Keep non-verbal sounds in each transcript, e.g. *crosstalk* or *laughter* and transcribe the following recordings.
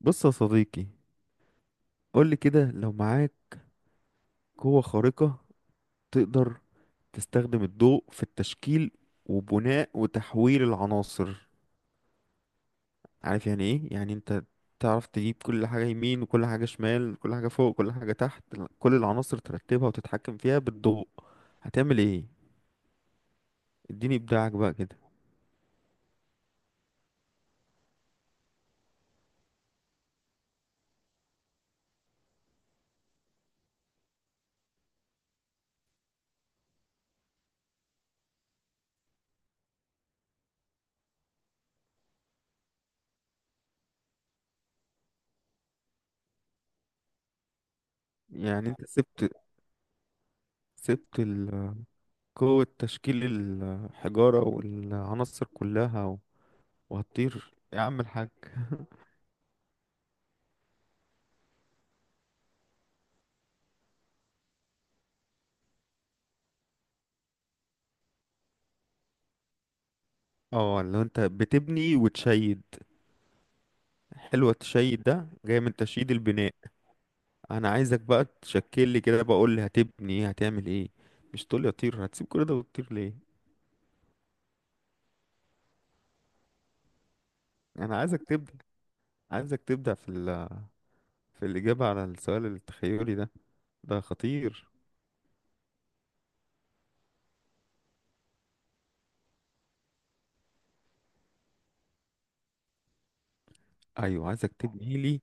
بص يا صديقي، قولي كده. لو معاك قوة خارقة تقدر تستخدم الضوء في التشكيل وبناء وتحويل العناصر، عارف يعني ايه؟ يعني انت تعرف تجيب كل حاجة يمين وكل حاجة شمال، كل حاجة فوق كل حاجة تحت، كل العناصر ترتبها وتتحكم فيها بالضوء. هتعمل ايه؟ اديني ابداعك بقى كده. يعني انت سبت قوة تشكيل الحجارة والعناصر كلها وهتطير إيه يا عم الحاج؟ اه، لو انت بتبني وتشيد. حلوة تشيد، ده جاي من تشييد البناء. انا عايزك بقى تشكل لي كده، بقول لي هتبني ايه، هتعمل ايه. مش تقول لي اطير، هتسيب كل ده وتطير ليه؟ انا عايزك تبدأ، عايزك تبدأ في ال... في الإجابة على السؤال التخيلي ده. ده خطير. ايوه، عايزك تبني لي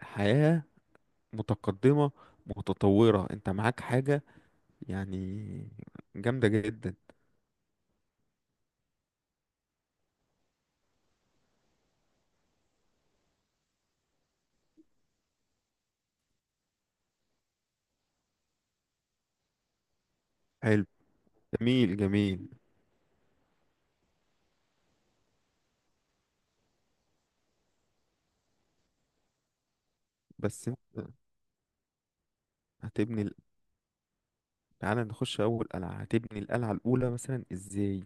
حياة متقدمة متطورة. انت معاك حاجة يعني جامدة جدا. حلو. جميل جميل. بس انت هتبني، تعالى نخش اول قلعه. هتبني القلعه الاولى مثلا ازاي؟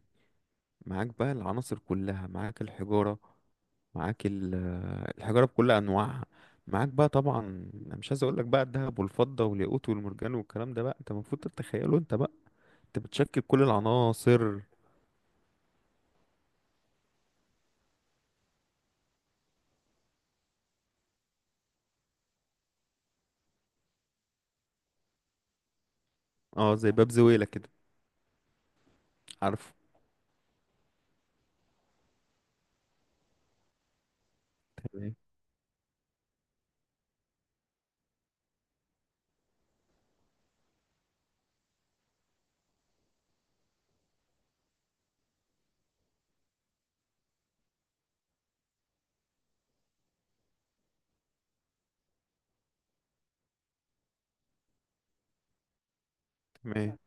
معاك بقى العناصر كلها، معاك الحجاره، معاك الحجاره بكل انواعها. معاك بقى طبعا. أنا مش عايز اقول لك بقى الذهب والفضه والياقوت والمرجان والكلام ده بقى، انت المفروض تتخيله انت بقى. انت بتشكل كل العناصر. اه زي باب زويلة كده. عارفه. تمام. تمام.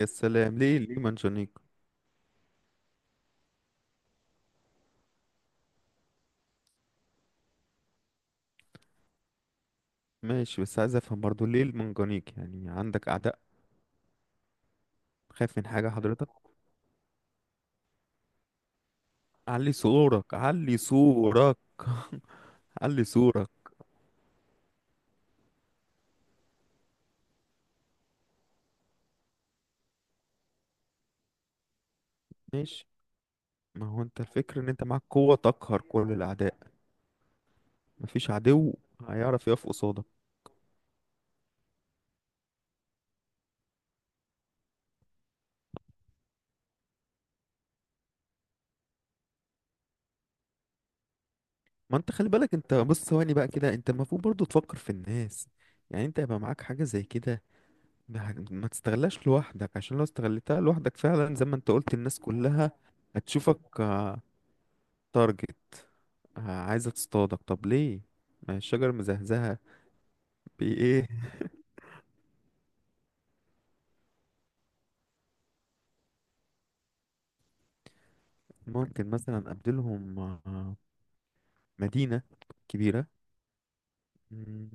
يا سلام، ليه ليه منجنيق؟ ماشي، بس عايز افهم برضو ليه المنجنيق. يعني عندك اعداء؟ خايف من حاجه حضرتك؟ علي صورك، علي صورك، علي صورك. ماشي، ما هو انت الفكر ان انت معاك قوة تقهر كل الاعداء. مفيش عدو هيعرف يقف قصادك. ما انت خلي بالك، انت بص ثواني بقى كده، انت المفروض برضو تفكر في الناس. يعني انت يبقى معاك حاجة زي كده، ما تستغلاش لوحدك. عشان لو استغلتها لوحدك فعلا، زي ما انت قلت، الناس كلها هتشوفك، تارجت، عايزة تصطادك. طب ليه؟ ما الشجر مزهزهة. بإيه؟ *laughs* ممكن مثلا أبدلهم مدينة كبيرة.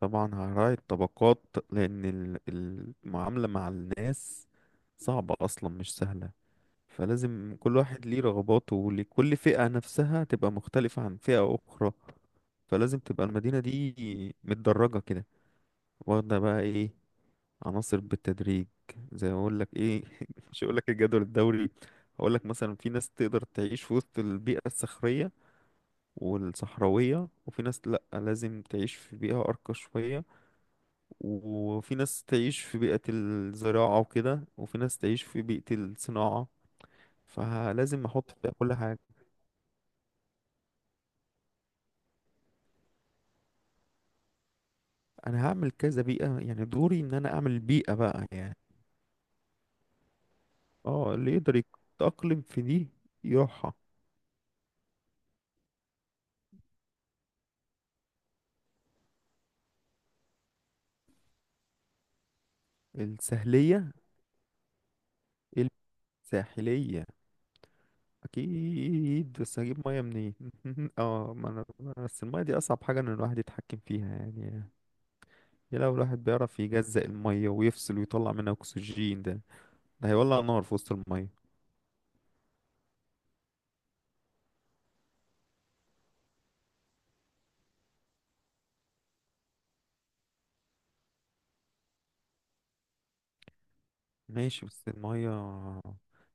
طبعا هراعي الطبقات، لأن المعاملة مع الناس صعبة أصلا، مش سهلة. فلازم كل واحد ليه رغباته، ولكل فئة نفسها تبقى مختلفة عن فئة أخرى. فلازم تبقى المدينة دي متدرجة كده، واخدة بقى ايه، عناصر بالتدريج، زي ما اقول لك ايه، *laughs* مش هقول لك الجدول الدوري. هقول لك مثلا في ناس تقدر تعيش في وسط البيئة الصخرية والصحراوية، وفي ناس لأ، لازم تعيش في بيئة أرقى شوية، وفي ناس تعيش في بيئة الزراعة وكده، وفي ناس تعيش في بيئة الصناعة. فلازم احط في كل حاجة. انا هعمل كذا بيئة، يعني دوري ان انا اعمل بيئة بقى يعني. اه اللي يقدر يتأقلم في دي يروحها. السهلية الساحلية اكيد، بس هجيب مية منين؟ *laughs* اه، ما انا بس المية دي اصعب حاجة ان الواحد يتحكم فيها يعني. يا لو الواحد بيعرف يجزأ المية ويفصل ويطلع منها اكسجين، ده هيولع نار في وسط المية. ماشي بس المية،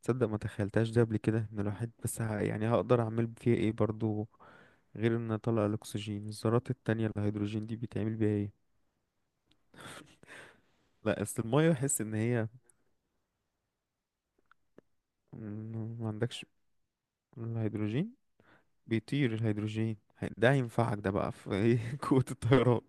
تصدق ما تخيلتهاش ده قبل كده؟ ان الواحد بس يعني هقدر اعمل فيها ايه برضو، غير ان اطلع الاكسجين؟ الذرات التانية الهيدروجين دي بيتعمل بيها ايه؟ لا اصل المية بحس ان هي ما عندكش الهيدروجين، بيطير الهيدروجين ده هينفعك ده بقى في ايه، *laughs* قوة الطيران.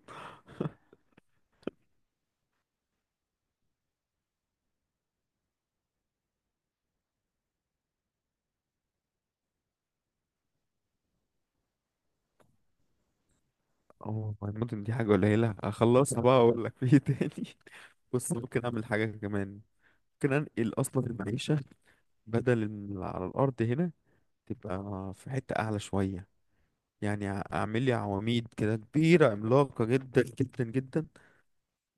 اه المدن دي حاجة قليلة، اخلصها بقى اقول لك في ايه تاني. *laughs* بص، ممكن اعمل حاجة كمان، ممكن انقل اصلا المعيشة. بدل إن على الارض هنا، تبقى في حتة أعلى شوية. يعني اعمل لي عواميد كده كبيرة عملاقة جدا جدا جدا،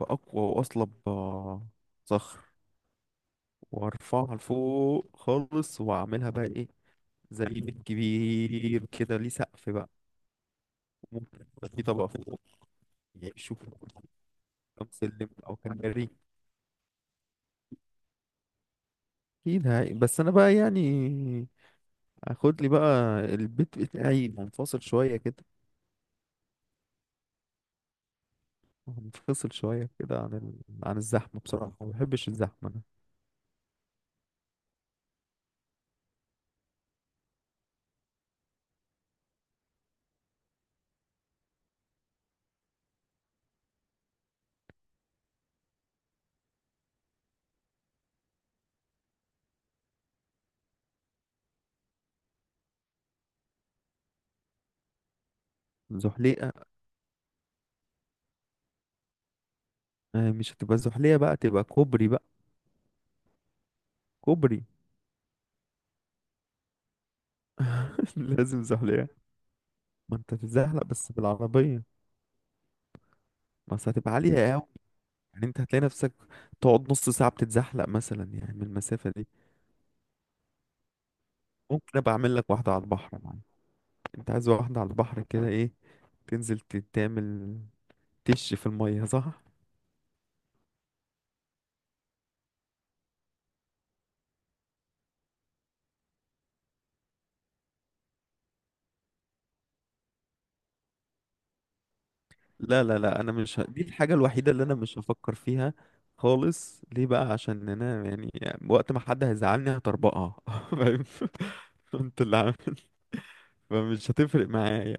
بأقوى وأصلب صخر وارفعها لفوق خالص، واعملها بقى ايه، زي بيت كبير كده ليه سقف بقى. ممكن يبقى في طبقة فوق، يعيشوا فوق. كام سلم او كناري اكيد هاي، بس انا بقى يعني اخد لي بقى البيت بتاعي منفصل شوية كده، منفصل شوية كده عن عن الزحمة، بصراحة ما بحبش الزحمة انا. زحليقة؟ آه، مش هتبقى زحلية بقى، تبقى كوبري بقى. كوبري. *laughs* لازم زحلية. ما انت هتتزحلق بس بالعربية. بس هتبقى عالية أوي، يعني انت هتلاقي نفسك تقعد نص ساعة بتتزحلق مثلا يعني من المسافة دي. ممكن ابقى اعمل لك واحدة على البحر يا معلم. انت عايز واحدة على البحر كده ايه، تنزل تعمل تش في المية، صح؟ لا لا لا، انا مش دي الحاجة الوحيدة اللي انا مش هفكر فيها خالص. ليه بقى؟ عشان انا يعني وقت ما حد هيزعلني هطربقها. *laughs* فاهم؟ انت اللي عارف، فمش هتفرق معايا.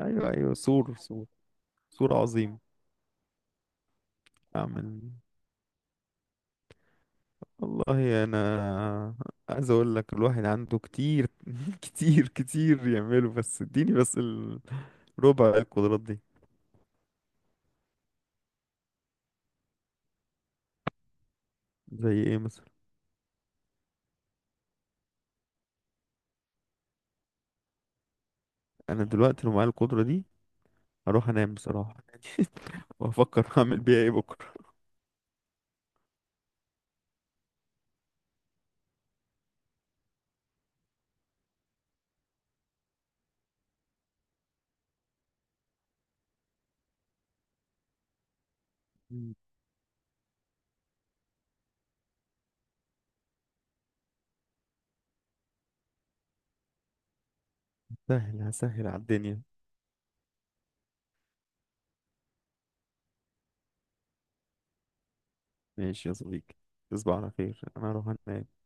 ايوه ايوه، سور سور، سور عظيم. اعمل، والله انا عايز اقول لك الواحد عنده كتير، *laughs* كتير كتير يعمله، بس اديني بس ربع القدرات دي. زي ايه مثلا؟ انا دلوقتي لو معايا القدرة دي هروح انام بصراحة، *laughs* وافكر هعمل بيها ايه بكرة. مم. سهل، هسهل على الدنيا. ماشي يا صديقي، تصبح على خير، انا هروح انام.